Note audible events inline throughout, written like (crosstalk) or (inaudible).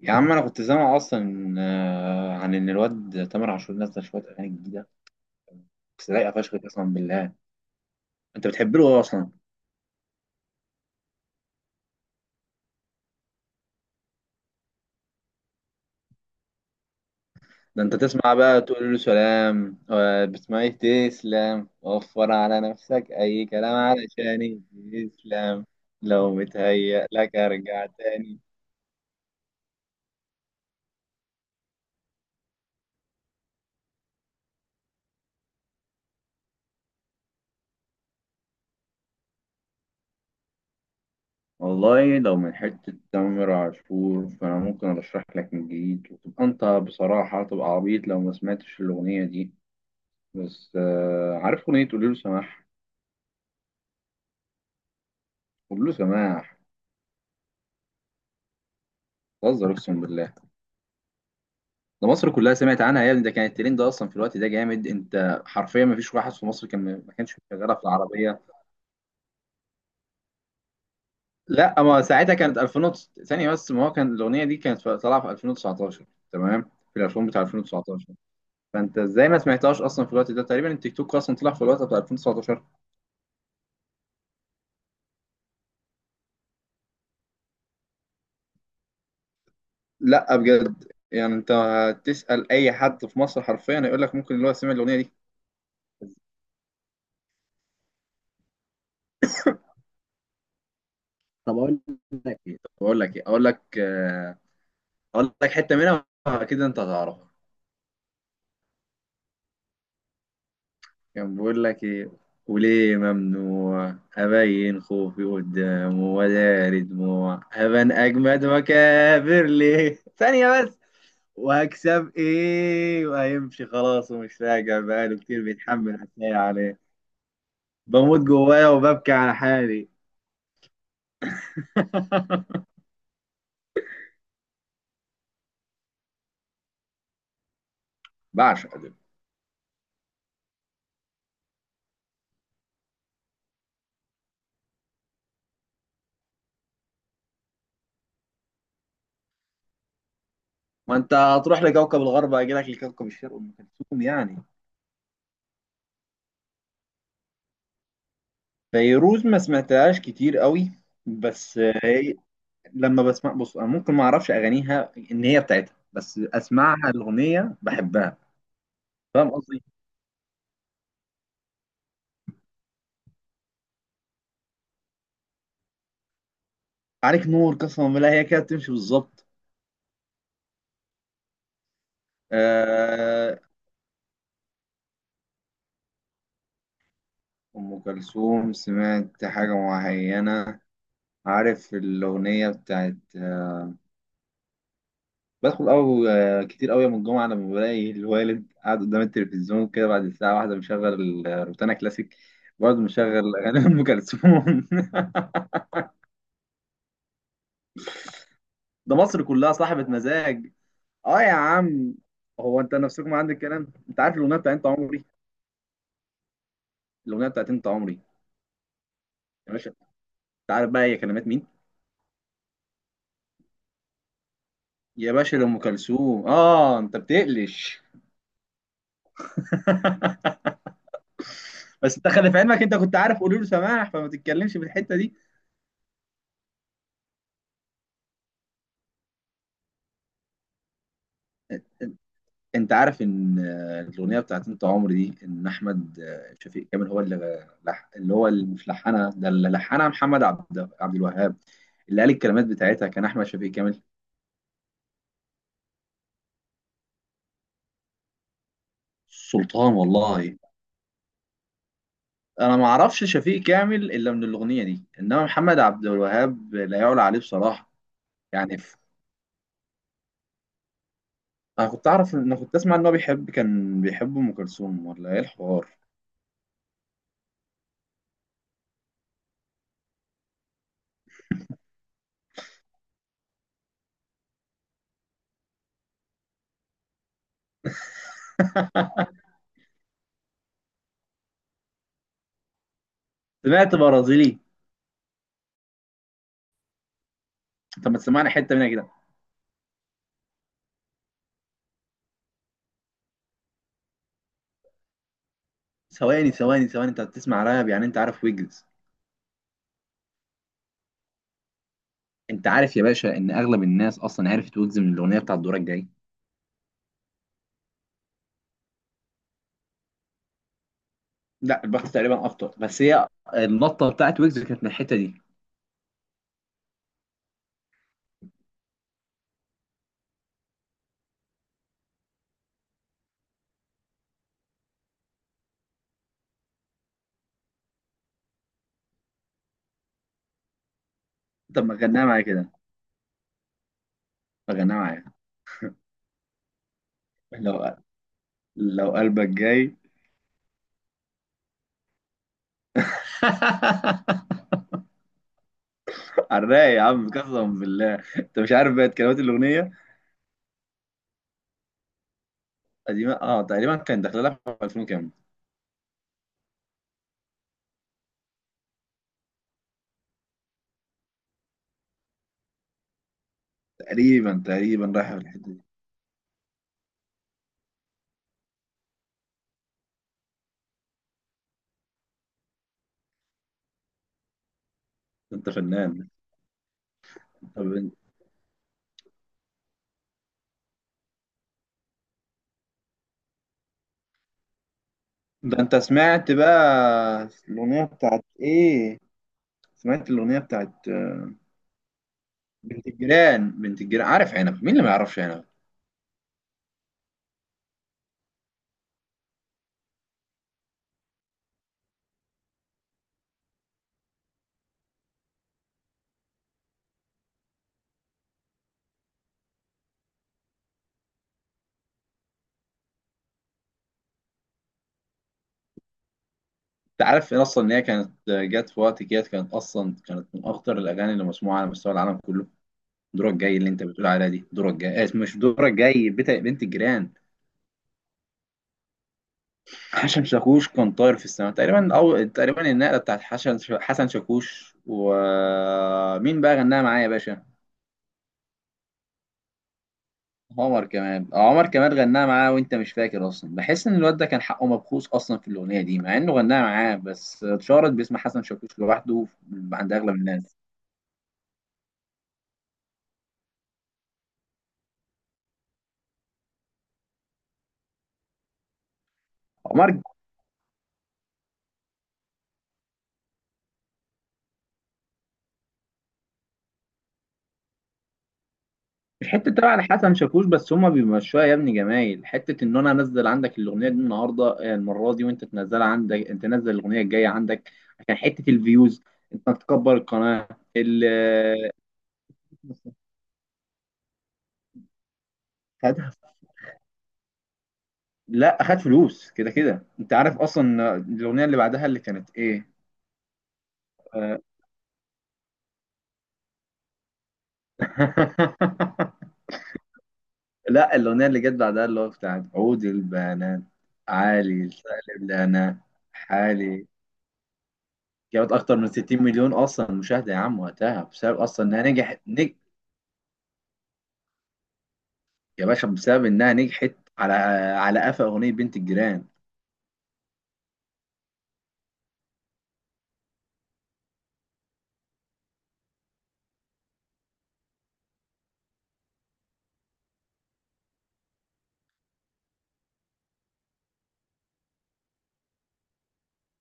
يا عم انا كنت سامع اصلا عن ان الواد تامر عاشور نزل شويه اغاني جديده بس لايقه فشخ قسما بالله. انت بتحب له إيه اصلا؟ ده انت تسمع بقى تقول له سلام، بتسمع ايه؟ تسلم وفر على نفسك اي كلام علشان تسلم. لو متهيأ لك ارجع تاني. والله لو من حتة تامر عاشور فأنا ممكن أرشح لك من جديد وتبقى أنت بصراحة تبقى عبيط لو ما سمعتش الأغنية دي. بس عارف أغنية قوليله سماح؟ كله سماح. بتهزر اقسم بالله، ده مصر كلها سمعت عنها يا ابني. ده كان الترند ده اصلا في الوقت ده، جامد. انت حرفيا ما فيش واحد في مصر كان ما كانش شغاله في العربيه. لا ما ساعتها كانت 2000 ثانيه بس. ما هو كان الاغنيه دي كانت طالعه في 2019، تمام؟ في الالبوم بتاع 2019. فانت ازاي ما سمعتهاش اصلا في الوقت ده؟ تقريبا التيك توك اصلا طلع في الوقت بتاع 2019. لا بجد يعني، انت تسال اي حد في مصر حرفيا يقول لك ممكن اللي هو سمع الاغنيه دي. طب اقول لك، طب اقول لك ايه، اقول لك اقول لك حته منها اكيد انت هتعرفها. كان بيقول لك ايه؟ وليه ممنوع ابين خوفي قدامه ولا دموع ابان اجمد واكابر ليه، ثانيه بس. وهكسب ايه وهيمشي خلاص ومش راجع بقاله كتير بيتحمل حكايه عليه. بموت جوايا وببكي على حالي. (laughs) بعشق دول. ما انت هتروح لكوكب الغرب هيجي لك لكوكب الشرق، ام كلثوم يعني. فيروز ما سمعتهاش كتير قوي. بس هي لما بسمع، بص، انا ممكن ما اعرفش اغانيها ان هي بتاعتها بس اسمعها الاغنيه بحبها. فاهم قصدي؟ عليك نور قسما بالله، هي كده بتمشي بالظبط. آه، ام كلثوم سمعت حاجه معينه، عارف الاغنيه بتاعت بدخل أو كتير قوي من الجمعه لما بلاقي الوالد قاعد قدام التلفزيون كده بعد الساعه واحده مشغل روتانا كلاسيك، برضه مشغل اغاني ام كلثوم. (laughs) ده مصر كلها صاحبة مزاج. اه يا عم. هو انت نفسكم عندك كلام. انت عارف الاغنيه بتاعت انت عمري؟ الاغنيه بتاعت انت عمري، يا باشا انت عارف بقى هي كلمات مين؟ يا باشا لام كلثوم، اه انت بتقلش. (laughs) بس انت خلي في علمك انت كنت عارف قولوا له سماح، فما تتكلمش في الحته دي. انت عارف ان الاغنيه بتاعت انت عمري دي ان احمد شفيق كامل هو اللي اللي هو اللي مش لحنها، ده اللي لحنها محمد عبد الوهاب. اللي قال الكلمات بتاعتها كان احمد شفيق كامل. سلطان والله. انا ما اعرفش شفيق كامل الا من الاغنيه دي، انما محمد عبد الوهاب لا يعلى عليه بصراحه. يعني انا كنت اعرف، ان كنت اسمع ان هو بيحب، كان بيحب ام كلثوم ولا ايه الحوار. (laughs) سمعت برازيلي. طب ما تسمعني حته منها كده. ثواني ثواني ثواني، انت بتسمع راب يعني؟ انت عارف ويجز؟ انت عارف يا باشا ان اغلب الناس اصلا عرفت ويجز من الاغنيه بتاعت دورك جاي؟ لا البخت تقريبا اكتر، بس هي النطه بتاعت ويجز كانت من الحته دي. طب ما غناها معايا كده، ما غناها معايا. لو لو قلبك جاي. (laughs) حراق يا عم قسما بالله، انت مش عارف بقى كلمات الاغنيه. قديمه اه، تقريبا كان داخله لها في 2000 كام. تقريبا تقريبا رايحه في الحته دي. انت فنان. طب ده انت سمعت بقى الاغنيه بتاعت ايه؟ سمعت الاغنيه بتاعت بنت الجيران؟ بنت الجيران، عارف عنب، مين اللي ما يعرفش عنب. انت عارف إن اصلا ان هي كانت جت في وقت كده كانت اصلا كانت من اخطر الاغاني اللي مسموعه على مستوى العالم كله. دورك جاي اللي انت بتقول عليها دي، دورك جاي مش دورك جاي، بنت الجيران. حسن شاكوش كان طاير في السماء تقريبا، او تقريبا النقله بتاعت حسن، شاكوش. ومين بقى غناها معايا يا باشا؟ عمر كمال، عمر كمال غناها معاه وانت مش فاكر اصلا. بحس ان الواد ده كان حقه مبخوص اصلا في الاغنيه دي مع انه غناها معاه، بس اتشهرت باسم حسن شاكوش لوحده عند اغلب الناس. عمر، الحته بتاع على حسن شاكوش بس، هما بيمشوها يا ابني جمايل. حته ان انا انزل عندك الاغنيه دي النهارده المره دي، وانت تنزلها عندك، انت تنزل الاغنيه الجايه عندك عشان حته الفيوز، انت تكبر القناه. ال (laughs) خدها. لا خد فلوس كده كده. انت عارف اصلا الاغنيه اللي بعدها اللي كانت ايه؟ آه. (laughs) لا الاغنيه اللي جت بعدها اللي هو بتاعت عود البنات، عالي سالب لنا حالي. جابت اكتر من 60 مليون اصلا مشاهده يا عم وقتها بسبب اصلا انها يا باشا بسبب انها نجحت على قفا اغنيه بنت الجيران.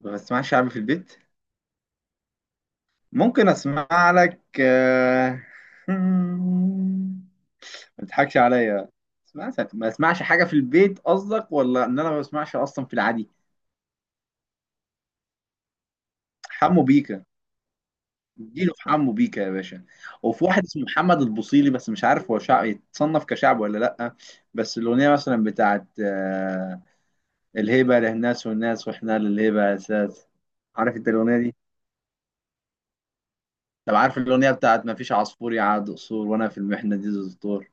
ما بسمعش شعبي في البيت. ممكن اسمع لك (laughs) ما تضحكش عليا. ما اسمعش حاجه في البيت قصدك، ولا ان انا ما بسمعش اصلا في العادي؟ حمو بيكا. اديله في حمو بيكا يا باشا. وفي واحد اسمه محمد البوصيلي بس مش عارف هو شعب يتصنف كشعب ولا لا. بس الاغنيه مثلا بتاعت الهيبة للناس والناس وإحنا للهيبة أساس، عارف أنت الأغنية دي؟ طب عارف الأغنية بتاعت ما فيش عصفور يعاد قصور وأنا في المحنة دي ذو دستور؟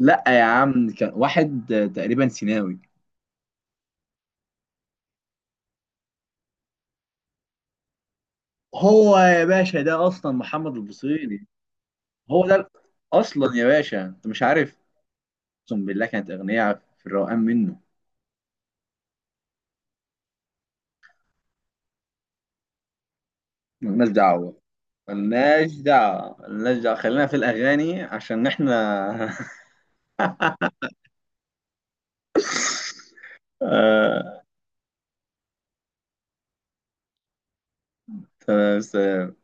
لأ يا عم كان واحد تقريبا سيناوي. هو يا باشا ده أصلا محمد البصيري. هو ده، أصلا يا باشا أنت مش عارف، أقسم بالله كانت أغنية في الروقان منه. ملناش دعوة، ملناش دعوة، ملناش دعوة، خلينا في الأغاني عشان إحنا. (laughs) آه، تمام،